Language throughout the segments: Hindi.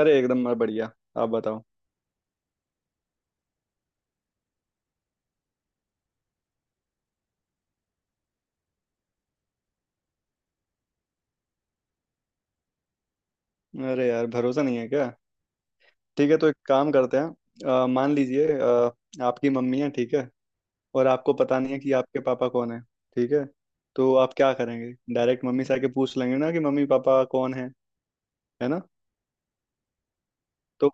अरे एकदम मैं बढ़िया। आप बताओ। अरे यार भरोसा नहीं है क्या? ठीक है, तो एक काम करते हैं। मान लीजिए, आपकी मम्मी है, ठीक है, और आपको पता नहीं है कि आपके पापा कौन है। ठीक है, तो आप क्या करेंगे? डायरेक्ट मम्मी से आके पूछ लेंगे ना कि मम्मी पापा कौन है ना? तो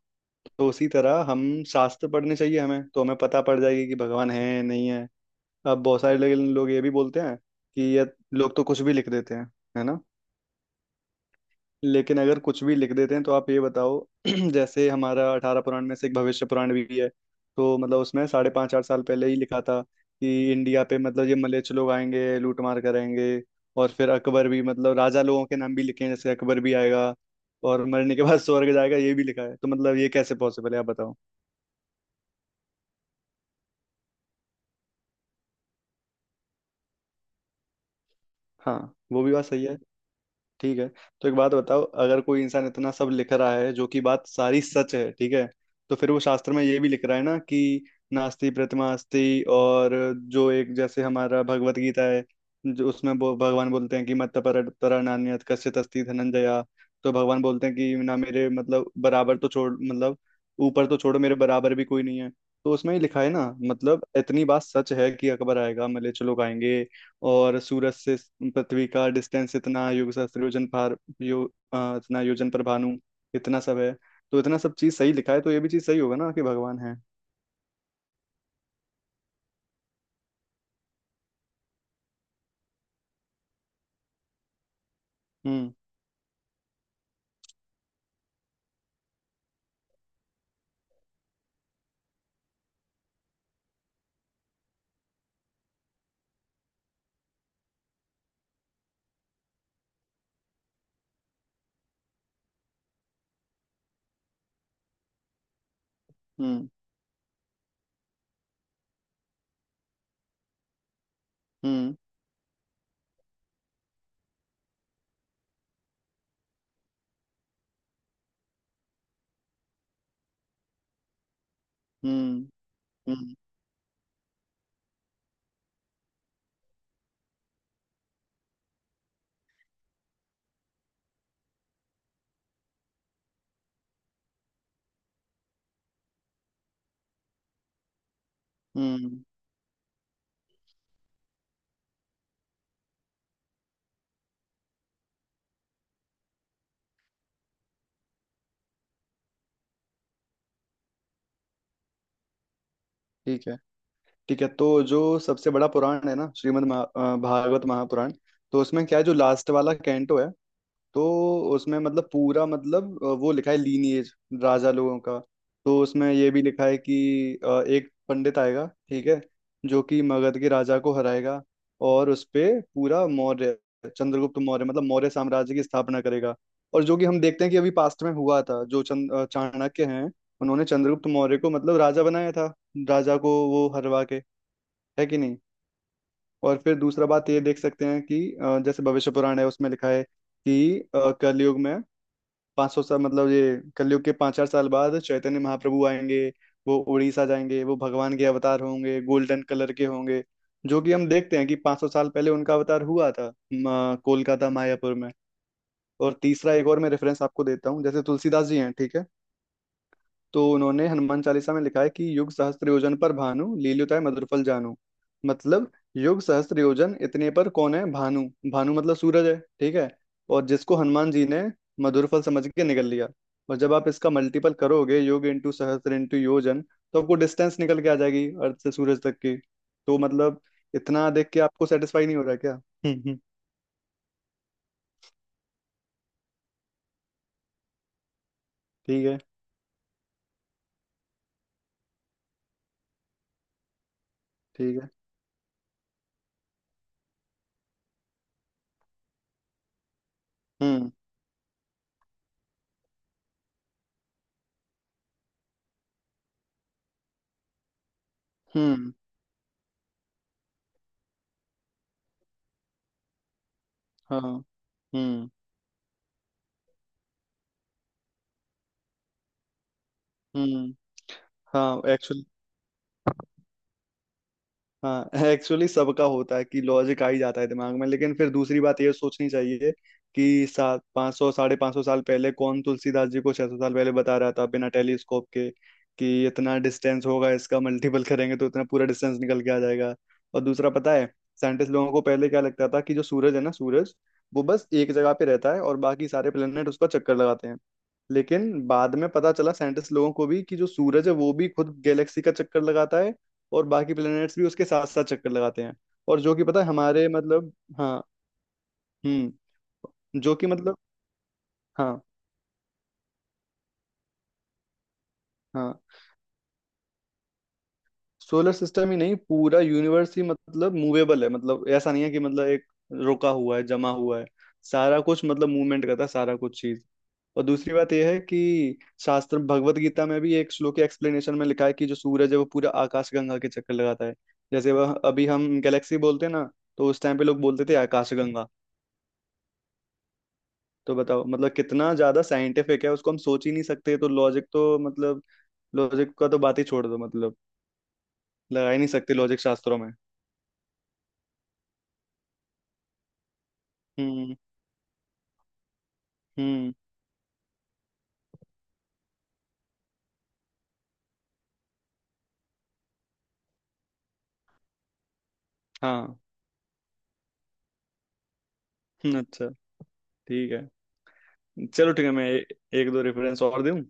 तो उसी तरह हम शास्त्र पढ़ने चाहिए हमें, तो हमें पता पड़ जाएगी कि भगवान है नहीं है। अब बहुत सारे लोग लोग ये भी बोलते हैं कि ये लोग तो कुछ भी लिख देते हैं, है ना? लेकिन अगर कुछ भी लिख देते हैं तो आप ये बताओ, जैसे हमारा 18 पुराण में से एक भविष्य पुराण भी है। तो मतलब उसमें साढ़े पाँच आठ साल पहले ही लिखा था कि इंडिया पे मतलब ये मलेच्छ लोग आएंगे, लूटमार करेंगे, और फिर अकबर भी, मतलब राजा लोगों के नाम भी लिखे हैं, जैसे अकबर भी आएगा और मरने के बाद स्वर्ग जाएगा, ये भी लिखा है। तो मतलब ये कैसे पॉसिबल है, आप बताओ। हाँ, वो भी बात सही है। ठीक है, तो एक बात बताओ, अगर कोई इंसान इतना सब लिख रहा है जो कि बात सारी सच है, ठीक है, तो फिर वो शास्त्र में ये भी लिख रहा है ना कि नास्ति प्रथमास्ति, और जो एक जैसे हमारा भगवत गीता है, जो उसमें वो भगवान बोलते हैं कि मत्त पर तरा नान्यत कश्चित अस्ति धनंजया। तो भगवान बोलते हैं कि ना मेरे मतलब बराबर तो छोड़, मतलब ऊपर तो छोड़ो, मेरे बराबर भी कोई नहीं है। तो उसमें ही लिखा है ना, मतलब इतनी बात सच है कि अकबर आएगा, मलेच्छ लोग आएंगे, और सूरज से पृथ्वी का डिस्टेंस इतना, युग सहस्त्र योजन पार, यो इतना योजन पर भानु, इतना सब है। तो इतना सब चीज सही लिखा है तो ये भी चीज सही होगा ना कि भगवान है। हम्म। हम्म। हम्म। हम्म। हम्म। हम्म। ठीक है। ठीक है, तो जो सबसे बड़ा पुराण है ना, भागवत महापुराण, तो उसमें क्या है, जो लास्ट वाला कैंटो है, तो उसमें मतलब पूरा, मतलब वो लिखा है लीनिएज राजा लोगों का। तो उसमें ये भी लिखा है कि एक पंडित आएगा, ठीक है, जो कि मगध के राजा को हराएगा, और उस पे पूरा मौर्य, चंद्रगुप्त मौर्य, मतलब मौर्य साम्राज्य की स्थापना करेगा। और जो कि हम देखते हैं कि अभी पास्ट में हुआ था, जो चाणक्य हैं, उन्होंने चंद्रगुप्त मौर्य को मतलब राजा बनाया था, राजा को वो हरवा के, है कि नहीं? और फिर दूसरा बात ये देख सकते हैं कि जैसे भविष्य पुराण है उसमें लिखा है कि कलयुग में 500 साल, मतलब ये कलयुग के पाँच चार साल बाद चैतन्य महाप्रभु आएंगे, वो उड़ीसा जाएंगे, वो भगवान के अवतार होंगे, गोल्डन कलर के होंगे, जो कि हम देखते हैं कि 500 साल पहले उनका अवतार हुआ था कोलकाता मायापुर में। और तीसरा एक और मैं रेफरेंस आपको देता हूँ, जैसे तुलसीदास जी हैं, ठीक है, तो उन्होंने हनुमान चालीसा में लिखा है कि युग सहस्त्र योजन पर भानु लील्युताय मधुरफल जानू। मतलब युग सहस्त्र योजन इतने पर कौन है? भानु। भानु मतलब सूरज है, ठीक है, और जिसको हनुमान जी ने मधुरफल समझ के निगल लिया। और जब आप इसका मल्टीपल करोगे, युग इंटू सहस्त्र इंटू योजन, तो आपको डिस्टेंस निकल के आ जाएगी अर्थ से सूरज तक की। तो मतलब इतना देख के आपको सेटिस्फाई नहीं हो रहा क्या? हम्म। ठीक है। ठीक है। हम्म। हम्म। हाँ। हम्म। हम्म। हाँ एक्चुअल, हाँ एक्चुअली सबका होता है कि लॉजिक आ ही जाता है दिमाग में, लेकिन फिर दूसरी बात ये सोचनी चाहिए कि सात पाँच सौ, साढ़े पाँच सौ साल पहले, कौन तुलसीदास जी को 600 साल पहले बता रहा था बिना टेलीस्कोप के कि इतना डिस्टेंस होगा, इसका मल्टीपल करेंगे तो इतना पूरा डिस्टेंस निकल के आ जाएगा? और दूसरा, पता है साइंटिस्ट लोगों को पहले क्या लगता था कि जो सूरज है ना, सूरज वो बस एक जगह पे रहता है और बाकी सारे प्लेनेट उसका चक्कर लगाते हैं। लेकिन बाद में पता चला साइंटिस्ट लोगों को भी कि जो सूरज है वो भी खुद गैलेक्सी का चक्कर लगाता है, और बाकी प्लैनेट्स भी उसके साथ साथ चक्कर लगाते हैं। और जो कि पता है हमारे मतलब, हाँ। हम्म, जो कि मतलब, हाँ। हाँ, सोलर सिस्टम ही नहीं, पूरा यूनिवर्स ही मतलब मूवेबल है। मतलब ऐसा नहीं है कि मतलब एक रुका हुआ है, जमा हुआ है, सारा कुछ मतलब मूवमेंट करता है, सारा कुछ चीज। और दूसरी बात यह है कि शास्त्र भगवत गीता में भी एक श्लोक के एक्सप्लेनेशन में लिखा है कि जो सूरज है वो पूरा आकाशगंगा के चक्कर लगाता है। जैसे वह अभी हम गैलेक्सी बोलते हैं ना, तो उस टाइम पे लोग बोलते थे आकाशगंगा। तो बताओ मतलब कितना ज्यादा साइंटिफिक है, उसको हम सोच ही नहीं सकते। तो लॉजिक तो मतलब, लॉजिक का तो बात ही छोड़ दो मतलब, लगा ही नहीं सकते लॉजिक शास्त्रों में। हम्म। हम्म। हाँ। अच्छा। ठीक है। चलो ठीक है, मैं एक दो रेफरेंस और दूं।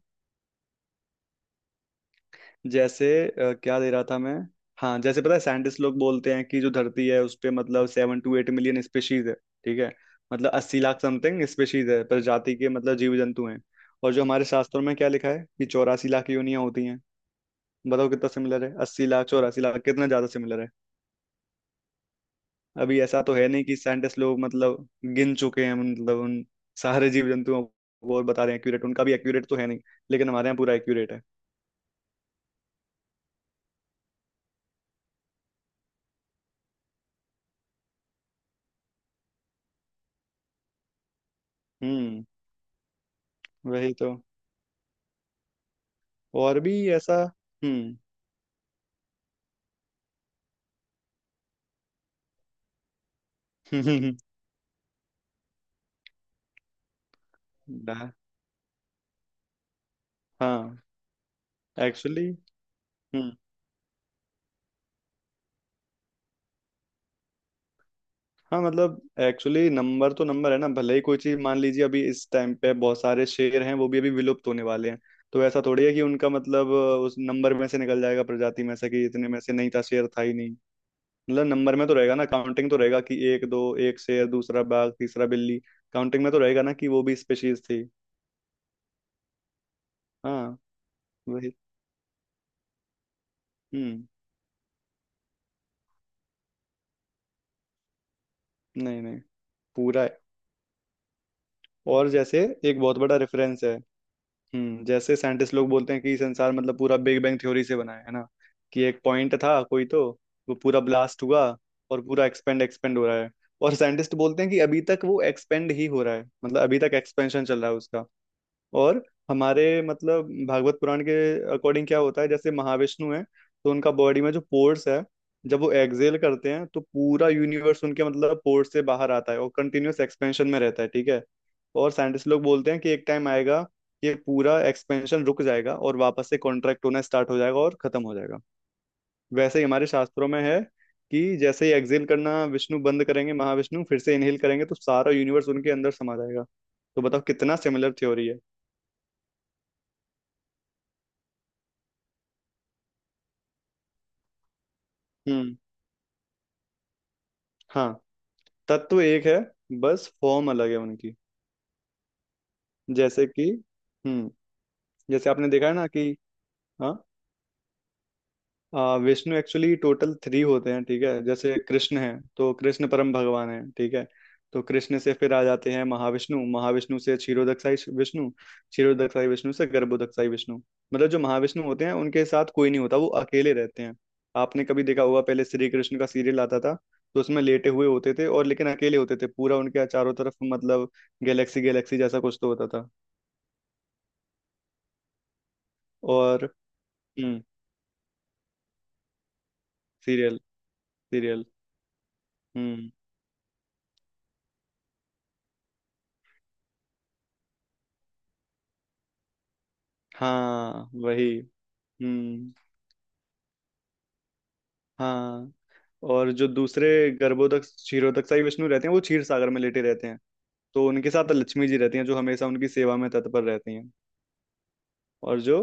जैसे क्या दे रहा था मैं? हाँ, जैसे पता है साइंटिस्ट लोग बोलते हैं कि जो धरती है उस पे मतलब seven to eight million species है, ठीक है, मतलब 80 लाख समथिंग स्पेशीज है, प्रजाति के मतलब जीव जंतु हैं। और जो हमारे शास्त्रों में क्या लिखा है कि 84 लाख योनियां होती हैं। बताओ कितना सिमिलर है, 80 लाख, 84 लाख, कितना ज्यादा सिमिलर है। अभी ऐसा तो है नहीं कि साइंटिस्ट लोग मतलब गिन चुके हैं मतलब उन सारे जीव जंतुओं को, और बता रहे हैं एक्यूरेट, उनका भी एक्यूरेट तो है नहीं, लेकिन हमारे यहाँ पूरा एक्यूरेट है। हम्म, वही तो। और भी ऐसा, हम्म। हाँ एक्चुअली, हाँ मतलब एक्चुअली नंबर तो नंबर है ना, भले ही कोई चीज मान लीजिए अभी इस टाइम पे बहुत सारे शेर हैं, वो भी अभी विलुप्त होने वाले हैं, तो ऐसा थोड़ी है कि उनका मतलब उस नंबर में से निकल जाएगा, प्रजाति में से कि इतने में से नहीं था, शेर था ही नहीं। मतलब नंबर में तो रहेगा ना, काउंटिंग तो रहेगा कि एक दो, एक शेर, दूसरा बाघ, तीसरा बिल्ली, काउंटिंग में तो रहेगा ना कि वो भी स्पेशीज थी। हाँ वही। हम्म। नहीं नहीं, पूरा है। और जैसे एक बहुत बड़ा रेफरेंस है। हम्म, जैसे साइंटिस्ट लोग बोलते हैं कि संसार मतलब पूरा बिग बैंग थ्योरी से बना है ना, कि एक पॉइंट था कोई तो, वो पूरा ब्लास्ट हुआ और पूरा एक्सपेंड एक्सपेंड हो रहा है। और साइंटिस्ट बोलते हैं कि अभी तक वो एक्सपेंड ही हो रहा है, मतलब अभी तक एक्सपेंशन चल रहा है उसका। और हमारे मतलब भागवत पुराण के अकॉर्डिंग क्या होता है, जैसे महाविष्णु है, तो उनका बॉडी में जो पोर्स है, जब वो एक्सहेल करते हैं तो पूरा यूनिवर्स उनके मतलब पोर्स से बाहर आता है और कंटिन्यूअस एक्सपेंशन में रहता है, ठीक है। और साइंटिस्ट लोग बोलते हैं कि एक टाइम आएगा कि ये पूरा एक्सपेंशन रुक जाएगा और वापस से कॉन्ट्रैक्ट होना स्टार्ट हो जाएगा और खत्म हो जाएगा। वैसे ही हमारे शास्त्रों में है कि जैसे ही एक्सहेल करना विष्णु बंद करेंगे, महाविष्णु फिर से इनहेल करेंगे, तो सारा यूनिवर्स उनके अंदर समा जाएगा। तो बताओ कितना सिमिलर थ्योरी है। हम्म। हाँ, तत्व एक है, बस फॉर्म अलग है उनकी, जैसे कि, हम्म, जैसे आपने देखा है ना कि, हाँ, विष्णु एक्चुअली टोटल थ्री होते हैं, ठीक है, जैसे कृष्ण है, तो कृष्ण परम भगवान है, ठीक है, तो कृष्ण से फिर आ जाते हैं महाविष्णु, महाविष्णु से क्षीरोदक्षाई विष्णु, क्षीरोदक्षाई विष्णु से गर्भोदक्षाई विष्णु। मतलब जो महाविष्णु होते हैं उनके साथ कोई नहीं होता, वो अकेले रहते हैं। आपने कभी देखा होगा पहले श्री कृष्ण का सीरियल आता था, तो उसमें लेटे हुए होते थे, और लेकिन अकेले होते थे, पूरा उनके चारों तरफ मतलब गैलेक्सी गैलेक्सी जैसा कुछ तो होता था। और हम्म। सीरियल। सीरियल। हम्म। हाँ वही। हम्म। हाँ। और जो दूसरे गर्भोदक क्षीरोदकसाई विष्णु रहते हैं वो क्षीर सागर में लेटे रहते हैं, तो उनके साथ लक्ष्मी जी रहती हैं जो हमेशा उनकी सेवा में तत्पर रहती हैं। और जो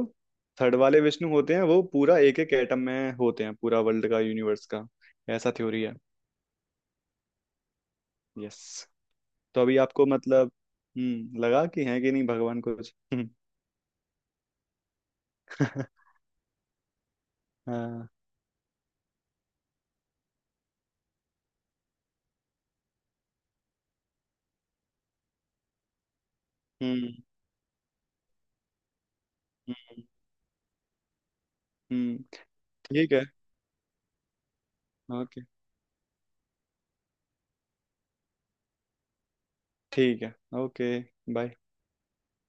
थर्ड वाले विष्णु होते हैं वो पूरा एक एक एटम में होते हैं, पूरा वर्ल्ड का यूनिवर्स का, ऐसा थ्योरी है। यस। तो अभी आपको मतलब, हम्म, लगा कि है कि नहीं भगवान, कुछ? हम्म। हाँ। हम्म। हम्म। हम्म। ठीक है। ओके। ठीक है। ओके। बाय।